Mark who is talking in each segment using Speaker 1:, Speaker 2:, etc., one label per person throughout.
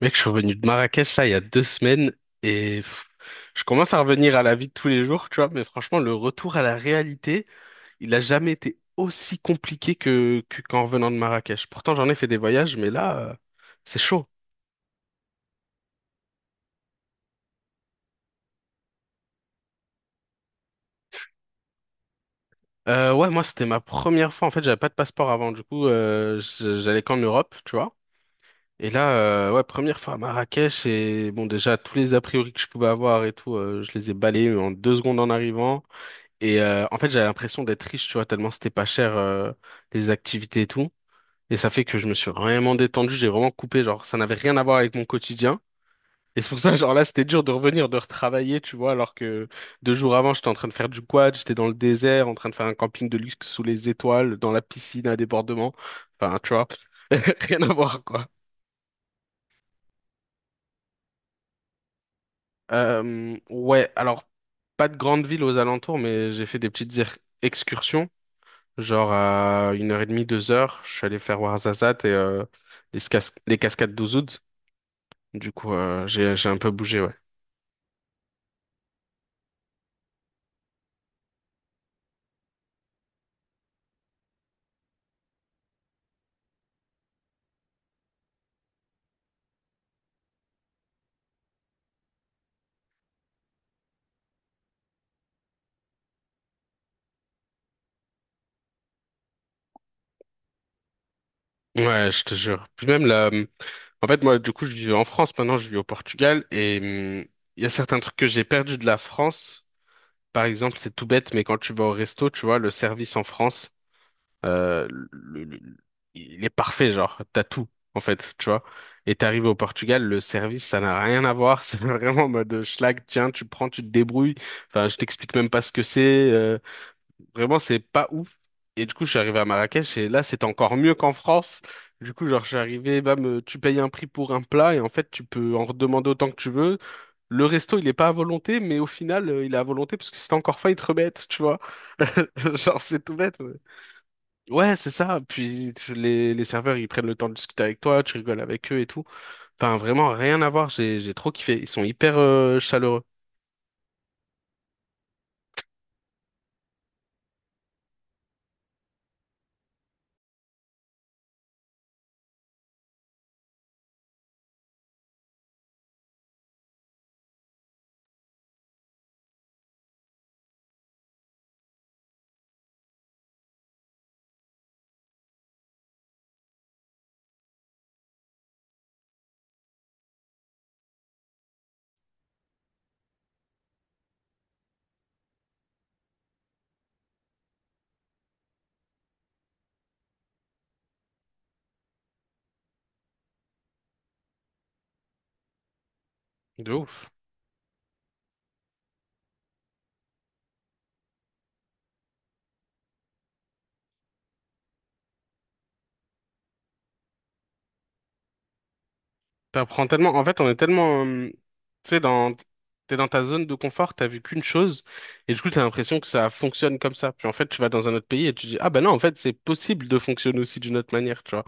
Speaker 1: Mec, je suis revenu de Marrakech là il y a 2 semaines et je commence à revenir à la vie de tous les jours, tu vois, mais franchement, le retour à la réalité, il a jamais été aussi compliqué qu'en revenant de Marrakech. Pourtant, j'en ai fait des voyages, mais là, c'est chaud. Ouais, moi, c'était ma première fois. En fait, j'avais pas de passeport avant, du coup, j'allais qu'en Europe, tu vois. Et là, ouais, première fois à Marrakech et bon, déjà, tous les a priori que je pouvais avoir et tout, je les ai balayés en 2 secondes en arrivant. Et en fait, j'avais l'impression d'être riche, tu vois, tellement c'était pas cher, les activités et tout. Et ça fait que je me suis vraiment détendu, j'ai vraiment coupé, genre, ça n'avait rien à voir avec mon quotidien. Et c'est pour ça, genre là, c'était dur de revenir, de retravailler, tu vois, alors que 2 jours avant, j'étais en train de faire du quad, j'étais dans le désert, en train de faire un camping de luxe sous les étoiles, dans la piscine à débordement. Enfin, tu vois, rien à voir, quoi. Ouais, alors, pas de grande ville aux alentours, mais j'ai fait des petites excursions. Genre à 1h30, 2 heures, je suis allé faire Ouarzazate et les cascades d'Ouzoud. Du coup, j'ai un peu bougé, ouais. Ouais, je te jure. Puis même là, en fait, moi, du coup, je vis en France maintenant, je vis au Portugal et il y a certains trucs que j'ai perdu de la France. Par exemple, c'est tout bête, mais quand tu vas au resto, tu vois, le service en France. euh, le- le- il est parfait, genre, t'as tout, en fait, tu vois. Et t'arrives au Portugal, le service, ça n'a rien à voir, c'est vraiment en mode schlag, tiens, tu prends, tu te débrouilles, enfin, je t'explique même pas ce que c'est, vraiment, c'est pas ouf. Et du coup, je suis arrivé à Marrakech, et là, c'était encore mieux qu'en France. Du coup, genre, je suis arrivé, bam, tu payes un prix pour un plat, et en fait, tu peux en redemander autant que tu veux. Le resto, il est pas à volonté, mais au final, il est à volonté, parce que si t'as encore faim, ils te remettent, tu vois. Genre, c'est tout bête. Ouais, c'est ça. Puis les serveurs, ils prennent le temps de discuter avec toi, tu rigoles avec eux et tout. Enfin, vraiment, rien à voir. J'ai trop kiffé. Ils sont hyper chaleureux. De ouf. T'apprends tellement. En fait, on est tellement, tu sais, dans. T'es dans ta zone de confort, t'as vu qu'une chose, et du coup, t'as l'impression que ça fonctionne comme ça. Puis en fait, tu vas dans un autre pays et tu dis, ah ben non, en fait, c'est possible de fonctionner aussi d'une autre manière, tu vois.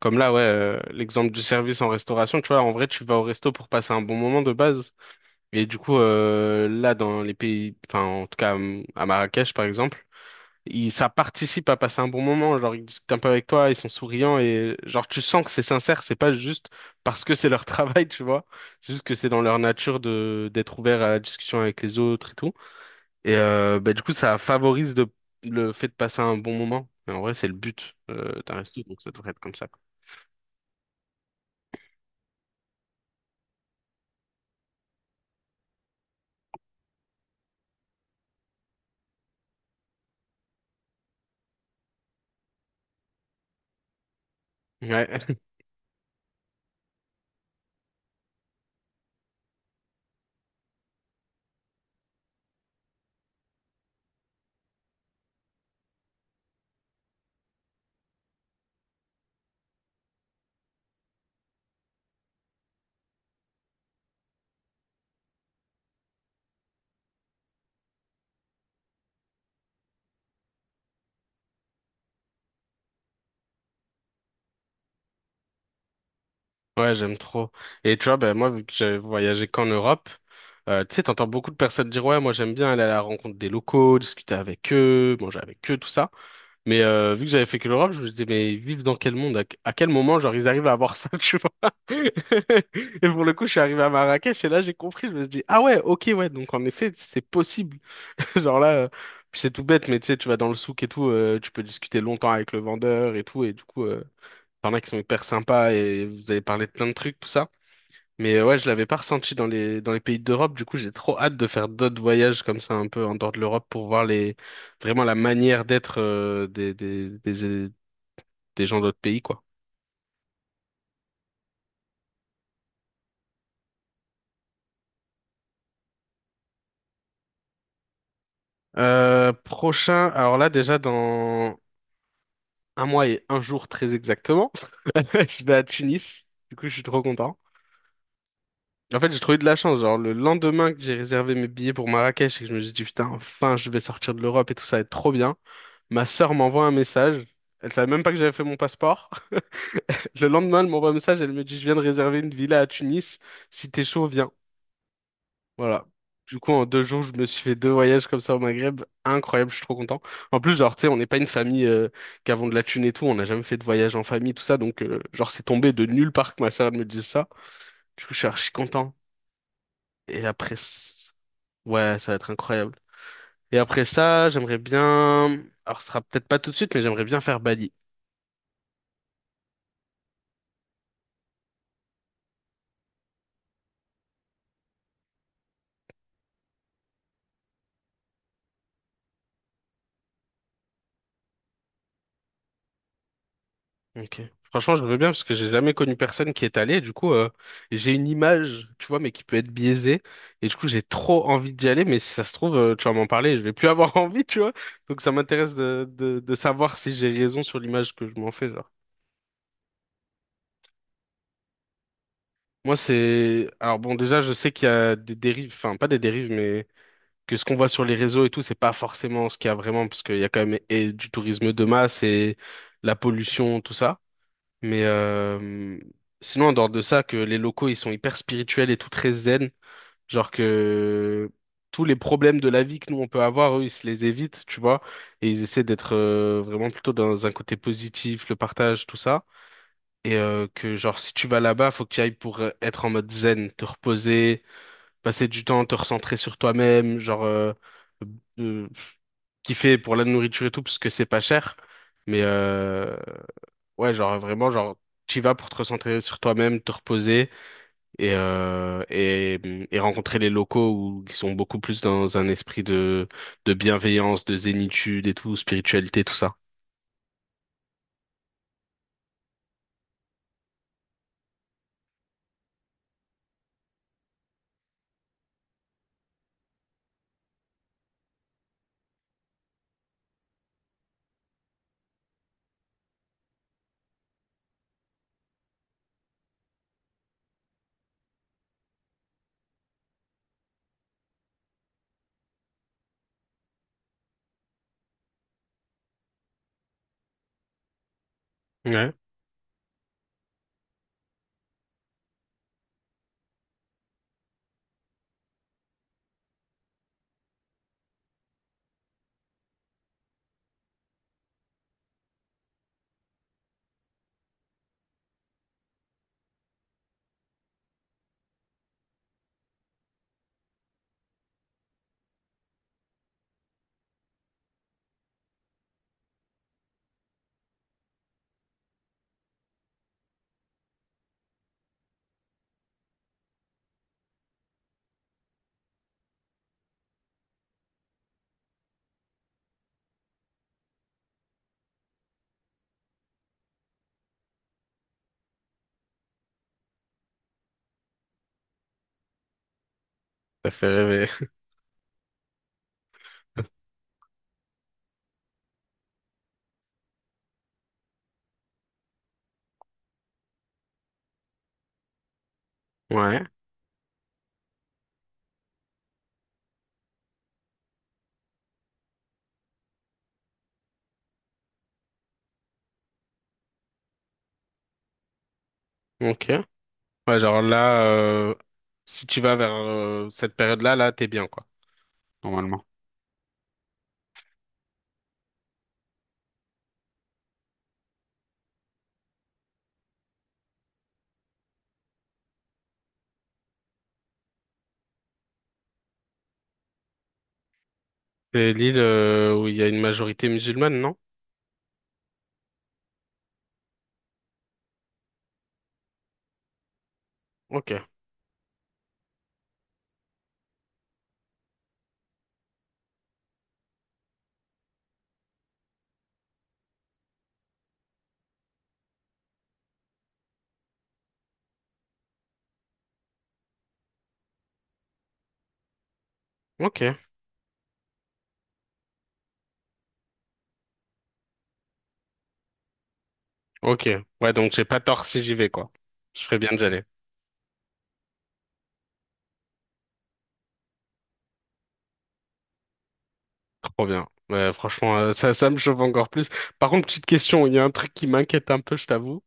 Speaker 1: Comme là, ouais, l'exemple du service en restauration, tu vois, en vrai, tu vas au resto pour passer un bon moment de base. Et du coup, là, dans les pays, enfin, en tout cas, à Marrakech, par exemple, ça participe à passer un bon moment. Genre, ils discutent un peu avec toi, ils sont souriants et, genre, tu sens que c'est sincère, c'est pas juste parce que c'est leur travail, tu vois. C'est juste que c'est dans leur nature d'être ouvert à la discussion avec les autres et tout. Et, bah, du coup, ça favorise le fait de passer un bon moment. Mais en vrai, c'est le but, d'un resto, donc ça devrait être comme ça, quoi. Ouais. Ouais, j'aime trop. Et tu vois, ben moi, vu que j'avais voyagé qu'en Europe, tu sais, t'entends beaucoup de personnes dire, ouais, moi j'aime bien aller à la rencontre des locaux, discuter avec eux, manger avec eux, tout ça. Mais vu que j'avais fait que l'Europe, je me disais, mais ils vivent dans quel monde? À quel moment, genre, ils arrivent à avoir ça, tu vois? Et pour le coup, je suis arrivé à Marrakech et là, j'ai compris, je me suis dit, ah ouais, ok, ouais, donc en effet, c'est possible. Genre là, puis c'est tout bête, mais tu sais, tu vas dans le souk et tout, tu peux discuter longtemps avec le vendeur et tout, et du coup... T'en as qui sont hyper sympas et vous avez parlé de plein de trucs, tout ça. Mais ouais, je l'avais pas ressenti dans les pays d'Europe. Du coup, j'ai trop hâte de faire d'autres voyages comme ça un peu en dehors de l'Europe pour voir les vraiment la manière d'être des gens d'autres pays, quoi. Prochain, alors là déjà dans 1 mois et 1 jour très exactement, je vais à Tunis. Du coup, je suis trop content. En fait, j'ai trouvé de la chance. Genre le lendemain que j'ai réservé mes billets pour Marrakech et que je me suis dit putain, enfin, je vais sortir de l'Europe et tout ça va être trop bien. Ma sœur m'envoie un message. Elle savait même pas que j'avais fait mon passeport. Le lendemain, elle m'envoie un message, elle me dit, je viens de réserver une villa à Tunis. Si t'es chaud, viens. Voilà. Du coup, en 2 jours, je me suis fait deux voyages comme ça au Maghreb. Incroyable, je suis trop content. En plus, genre, tu sais, on n'est pas une famille qui avons de la thune et tout. On n'a jamais fait de voyage en famille, tout ça. Donc, genre, c'est tombé de nulle part que ma sœur elle me dise ça. Du coup, je suis archi content. Et après, ouais, ça va être incroyable. Et après ça, j'aimerais bien... Alors, ce sera peut-être pas tout de suite, mais j'aimerais bien faire Bali. Ok. Franchement, je veux bien parce que j'ai jamais connu personne qui est allé. Du coup, j'ai une image, tu vois, mais qui peut être biaisée. Et du coup, j'ai trop envie d'y aller. Mais si ça se trouve, tu vas m'en parler, je vais plus avoir envie, tu vois. Donc, ça m'intéresse de savoir si j'ai raison sur l'image que je m'en fais, genre. Moi, c'est. Alors, bon, déjà, je sais qu'il y a des dérives, enfin, pas des dérives, mais que ce qu'on voit sur les réseaux et tout, c'est pas forcément ce qu'il y a vraiment, parce qu'il y a quand même et du tourisme de masse et la pollution, tout ça. Mais sinon, en dehors de ça, que les locaux, ils sont hyper spirituels et tout très zen. Genre que tous les problèmes de la vie que nous, on peut avoir, eux, ils se les évitent, tu vois. Et ils essaient d'être vraiment plutôt dans un côté positif, le partage, tout ça. Et que, genre, si tu vas là-bas, faut que tu ailles pour être en mode zen, te reposer, passer du temps, te recentrer sur toi-même, genre, euh, kiffer pour la nourriture et tout, parce que c'est pas cher. Mais... Ouais, genre vraiment, genre tu vas pour te recentrer sur toi-même, te reposer et, euh, et et rencontrer les locaux où ils sont beaucoup plus dans un esprit de bienveillance, de zénitude et tout, spiritualité, tout ça. Ouais, ça fait rêver. Ouais, ok. Ouais, genre là, si tu vas vers cette période-là, là, t'es bien quoi, normalement. C'est l'île où il y a une majorité musulmane, non? Ok, ok, ok. Ouais, donc j'ai pas tort si j'y vais, quoi. Je ferais bien d'y aller. Trop bien. Ouais, franchement, ça me chauffe encore plus. Par contre, petite question, il y a un truc qui m'inquiète un peu, je t'avoue.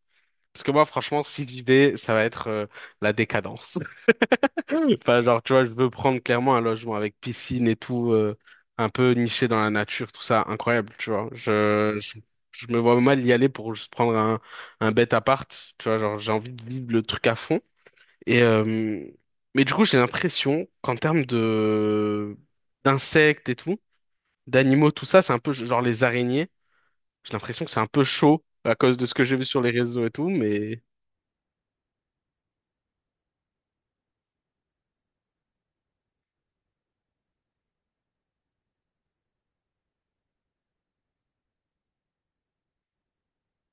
Speaker 1: Parce que moi, franchement, si j'y vais, ça va être la décadence. Enfin, genre, tu vois, je veux prendre clairement un logement avec piscine et tout, un peu niché dans la nature, tout ça, incroyable, tu vois. Je me vois mal y aller pour juste prendre un bête appart, tu vois, genre, j'ai envie de vivre le truc à fond. Et, mais du coup, j'ai l'impression qu'en termes d'insectes et tout, d'animaux, tout ça, c'est un peu genre les araignées. J'ai l'impression que c'est un peu chaud à cause de ce que j'ai vu sur les réseaux et tout, mais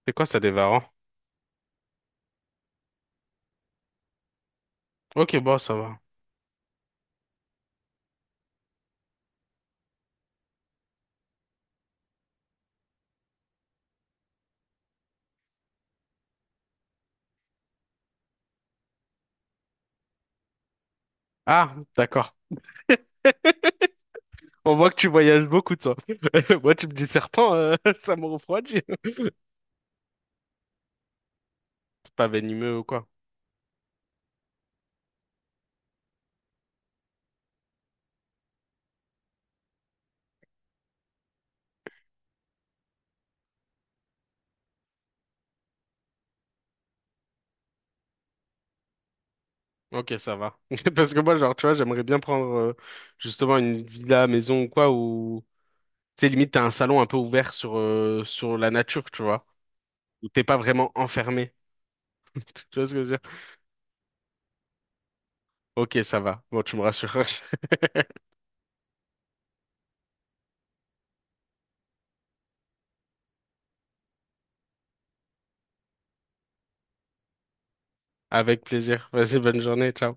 Speaker 1: c'est quoi ça, des varans? Ok, bon, ça va. Ah, d'accord. On voit que tu voyages beaucoup, toi. Moi, tu me dis serpent, ça me refroidit. C'est pas venimeux ou quoi? Ok, ça va. Parce que moi, genre, tu vois, j'aimerais bien prendre justement une villa, maison ou quoi, où, tu sais, limite, t'as un salon un peu ouvert sur la nature, tu vois, où t'es pas vraiment enfermé. Tu vois ce que je veux dire? Ok, ça va. Bon, tu me rassures. Avec plaisir. Vas-y, bonne journée. Ciao.